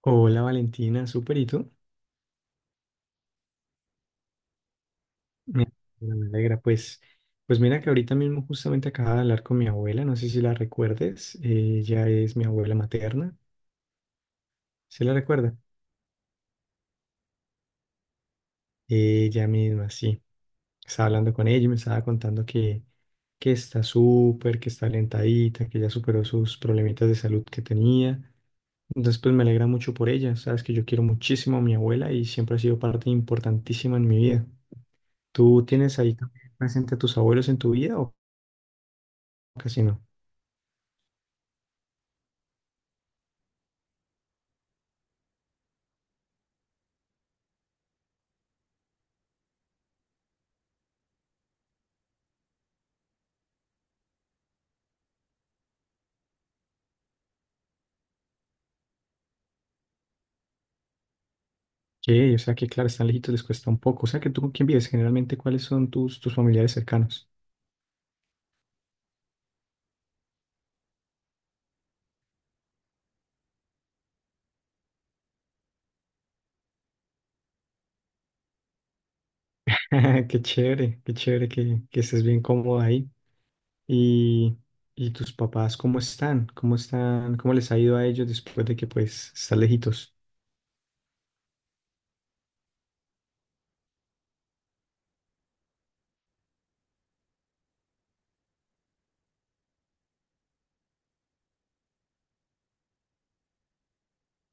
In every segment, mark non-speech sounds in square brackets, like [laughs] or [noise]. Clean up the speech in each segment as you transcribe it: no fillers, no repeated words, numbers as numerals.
Hola Valentina, súper, ¿y tú? Me me alegra, pues mira que ahorita mismo justamente acababa de hablar con mi abuela, no sé si la recuerdes, ella es mi abuela materna, ¿se la recuerda? Ella misma, sí, estaba hablando con ella y me estaba contando que está súper, que está alentadita, que ya superó sus problemitas de salud que tenía, entonces pues me alegra mucho por ella, sabes que yo quiero muchísimo a mi abuela y siempre ha sido parte importantísima en mi vida. ¿Tú tienes ahí también presente a tus abuelos en tu vida o casi no? Sí, o sea que claro, están lejitos, les cuesta un poco. O sea que tú con quién vives generalmente, ¿cuáles son tus familiares cercanos? [laughs] Qué chévere que estés bien cómodo ahí. Y, y tus papás, ¿cómo están? ¿Cómo están? ¿Cómo les ha ido a ellos después de que pues están lejitos?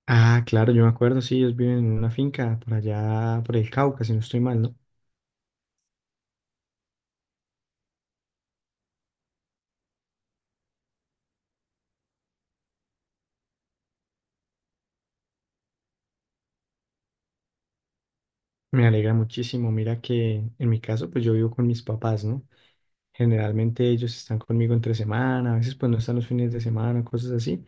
Ah, claro, yo me acuerdo, sí, ellos viven en una finca por allá, por el Cauca, si no estoy mal, ¿no? Me alegra muchísimo. Mira que en mi caso, pues yo vivo con mis papás, ¿no? Generalmente ellos están conmigo entre semana, a veces pues no están los fines de semana, cosas así.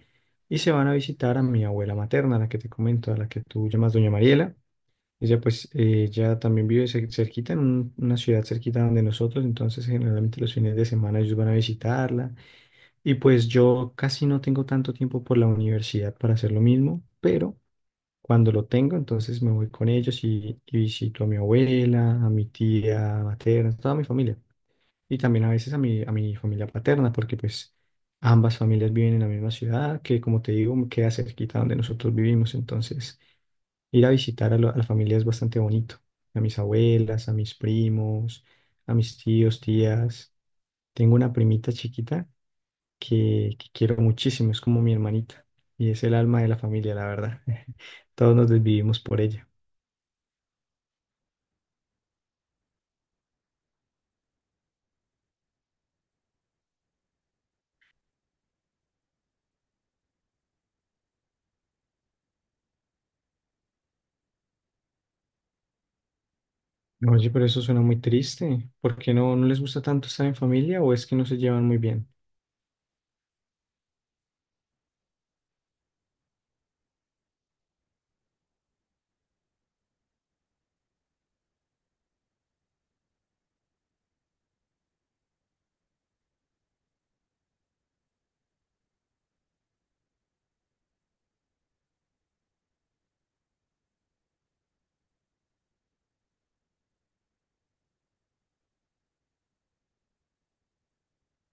Y se van a visitar a mi abuela materna, la que te comento, a la que tú llamas Doña Mariela. Ella pues ya también vive cerquita, en una ciudad cerquita donde nosotros, entonces generalmente los fines de semana ellos van a visitarla. Y pues yo casi no tengo tanto tiempo por la universidad para hacer lo mismo, pero cuando lo tengo, entonces me voy con ellos y visito a mi abuela, a mi tía materna, toda mi familia y también a veces a mi familia paterna, porque pues ambas familias viven en la misma ciudad, que como te digo, me queda cerquita donde nosotros vivimos, entonces ir a visitar a la familia es bastante bonito, a mis abuelas, a mis primos, a mis tíos, tías. Tengo una primita chiquita que quiero muchísimo, es como mi hermanita y es el alma de la familia, la verdad. [laughs] Todos nos desvivimos por ella. Oye, pero eso suena muy triste. ¿Por qué no, no les gusta tanto estar en familia o es que no se llevan muy bien?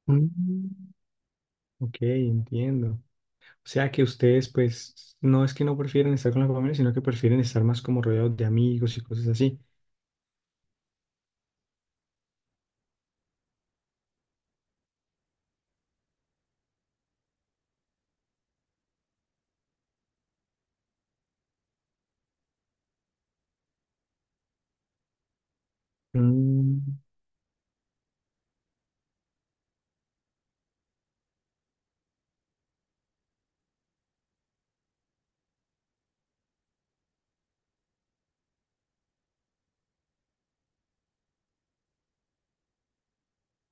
Mm. Ok, entiendo. O sea que ustedes, pues, no es que no prefieren estar con la familia, sino que prefieren estar más como rodeados de amigos y cosas así. Mm,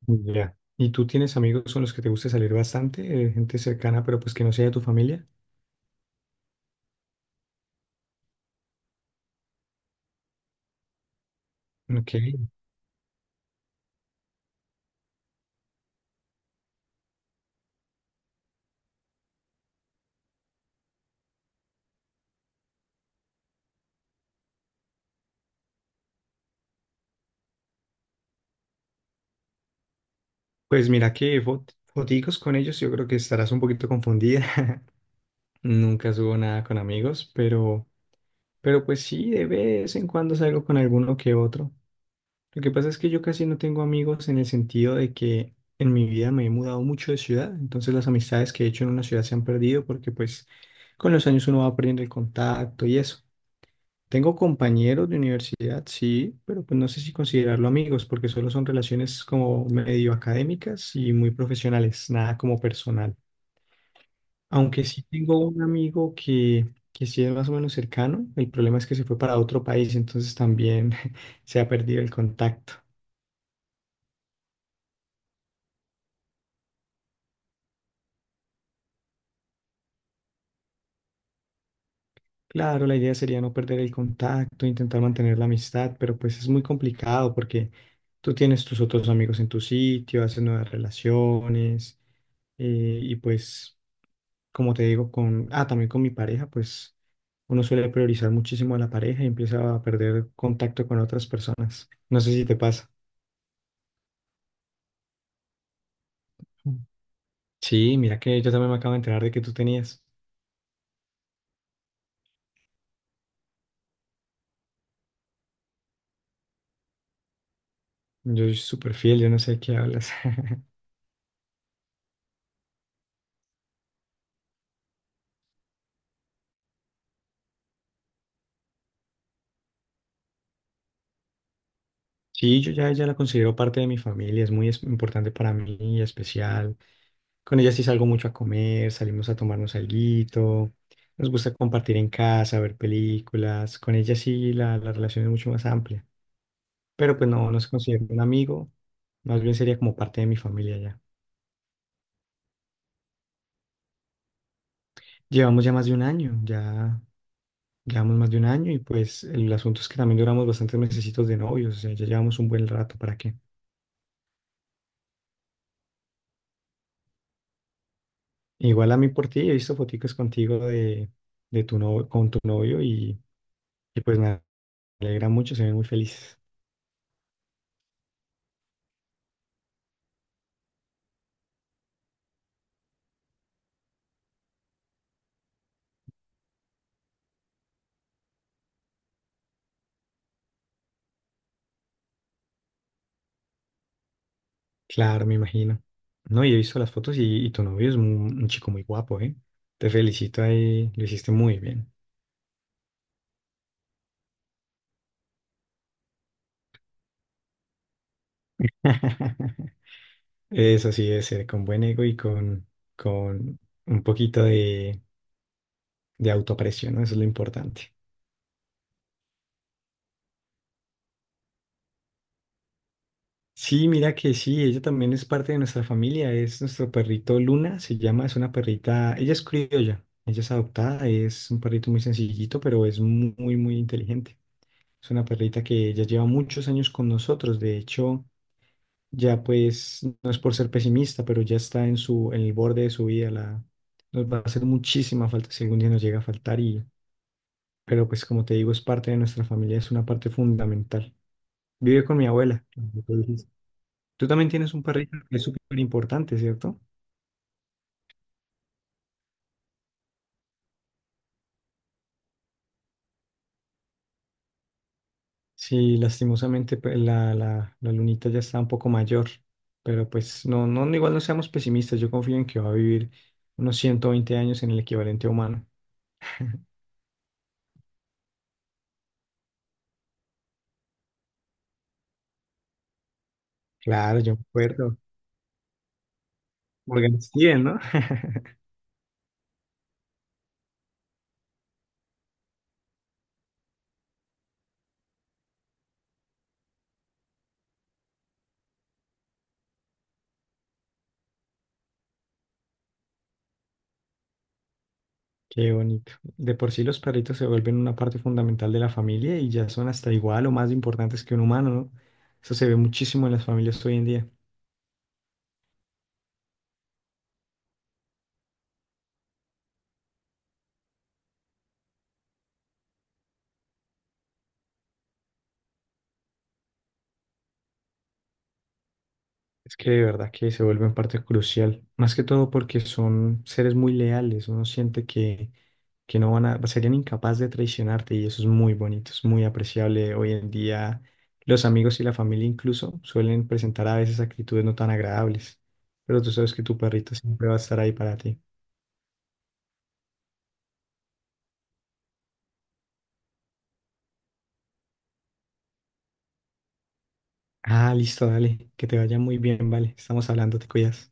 ya. ¿Y tú tienes amigos con los que te gusta salir bastante, gente cercana, pero pues que no sea de tu familia? Ok. Pues mira que foticos con ellos, yo creo que estarás un poquito confundida. [laughs] Nunca subo nada con amigos, pero pues sí, de vez en cuando salgo con alguno que otro. Lo que pasa es que yo casi no tengo amigos en el sentido de que en mi vida me he mudado mucho de ciudad, entonces las amistades que he hecho en una ciudad se han perdido porque pues con los años uno va perdiendo el contacto y eso. Tengo compañeros de universidad, sí, pero pues no sé si considerarlo amigos porque solo son relaciones como medio académicas y muy profesionales, nada como personal. Aunque sí tengo un amigo que, sí es más o menos cercano, el problema es que se fue para otro país, entonces también [laughs] se ha perdido el contacto. Claro, la idea sería no perder el contacto, intentar mantener la amistad, pero pues es muy complicado porque tú tienes tus otros amigos en tu sitio, haces nuevas relaciones y pues, como te digo, con, ah, también con mi pareja, pues uno suele priorizar muchísimo a la pareja y empieza a perder contacto con otras personas. No sé si te pasa. Sí, mira que yo también me acabo de enterar de que tú tenías. Yo soy súper fiel, yo no sé de qué hablas. Sí, yo ya la considero parte de mi familia, es muy importante para mí, especial. Con ella sí salgo mucho a comer, salimos a tomarnos alguito, nos gusta compartir en casa, ver películas. Con ella sí la relación es mucho más amplia, pero pues no, no se considera un amigo, más bien sería como parte de mi familia ya. Llevamos ya más de un año, ya llevamos más de un año y pues el asunto es que también duramos bastantes mesecitos de novios, o sea, ya llevamos un buen rato, ¿para qué? Igual a mí por ti, he visto foticos contigo de, tu novio, con tu novio y pues me alegra mucho, se ven muy felices. Claro, me imagino. No, y he visto las fotos y tu novio es un chico muy guapo, ¿eh? Te felicito ahí, lo hiciste muy bien. [laughs] Eso sí debe ser, con buen ego y con, un poquito de autoaprecio, ¿no? Eso es lo importante. Sí, mira que sí, ella también es parte de nuestra familia, es nuestro perrito Luna, se llama, es una perrita, ella es criolla, ella es adoptada, es un perrito muy sencillito, pero es muy, muy inteligente. Es una perrita que ya lleva muchos años con nosotros, de hecho, ya pues, no es por ser pesimista, pero ya está en el borde de su vida, nos va a hacer muchísima falta si algún día nos llega a faltar y, pero pues como te digo, es parte de nuestra familia, es una parte fundamental. Vive con mi abuela. Tú también tienes un perrito que es súper importante, ¿cierto? Sí, lastimosamente la lunita ya está un poco mayor, pero pues no, no, igual no seamos pesimistas, yo confío en que va a vivir unos 120 años en el equivalente humano. Claro, yo me acuerdo. Morgan Steven, ¿no? [laughs] Qué bonito. De por sí los perritos se vuelven una parte fundamental de la familia y ya son hasta igual o más importantes que un humano, ¿no? Eso se ve muchísimo en las familias hoy en día. Es que de verdad que se vuelven parte crucial, más que todo porque son seres muy leales, uno siente que, no van a, serían incapaces de traicionarte y eso es muy bonito, es muy apreciable. Hoy en día los amigos y la familia incluso suelen presentar a veces actitudes no tan agradables, pero tú sabes que tu perrito siempre va a estar ahí para ti. Ah, listo, dale, que te vaya muy bien, vale, estamos hablando, te cuidas.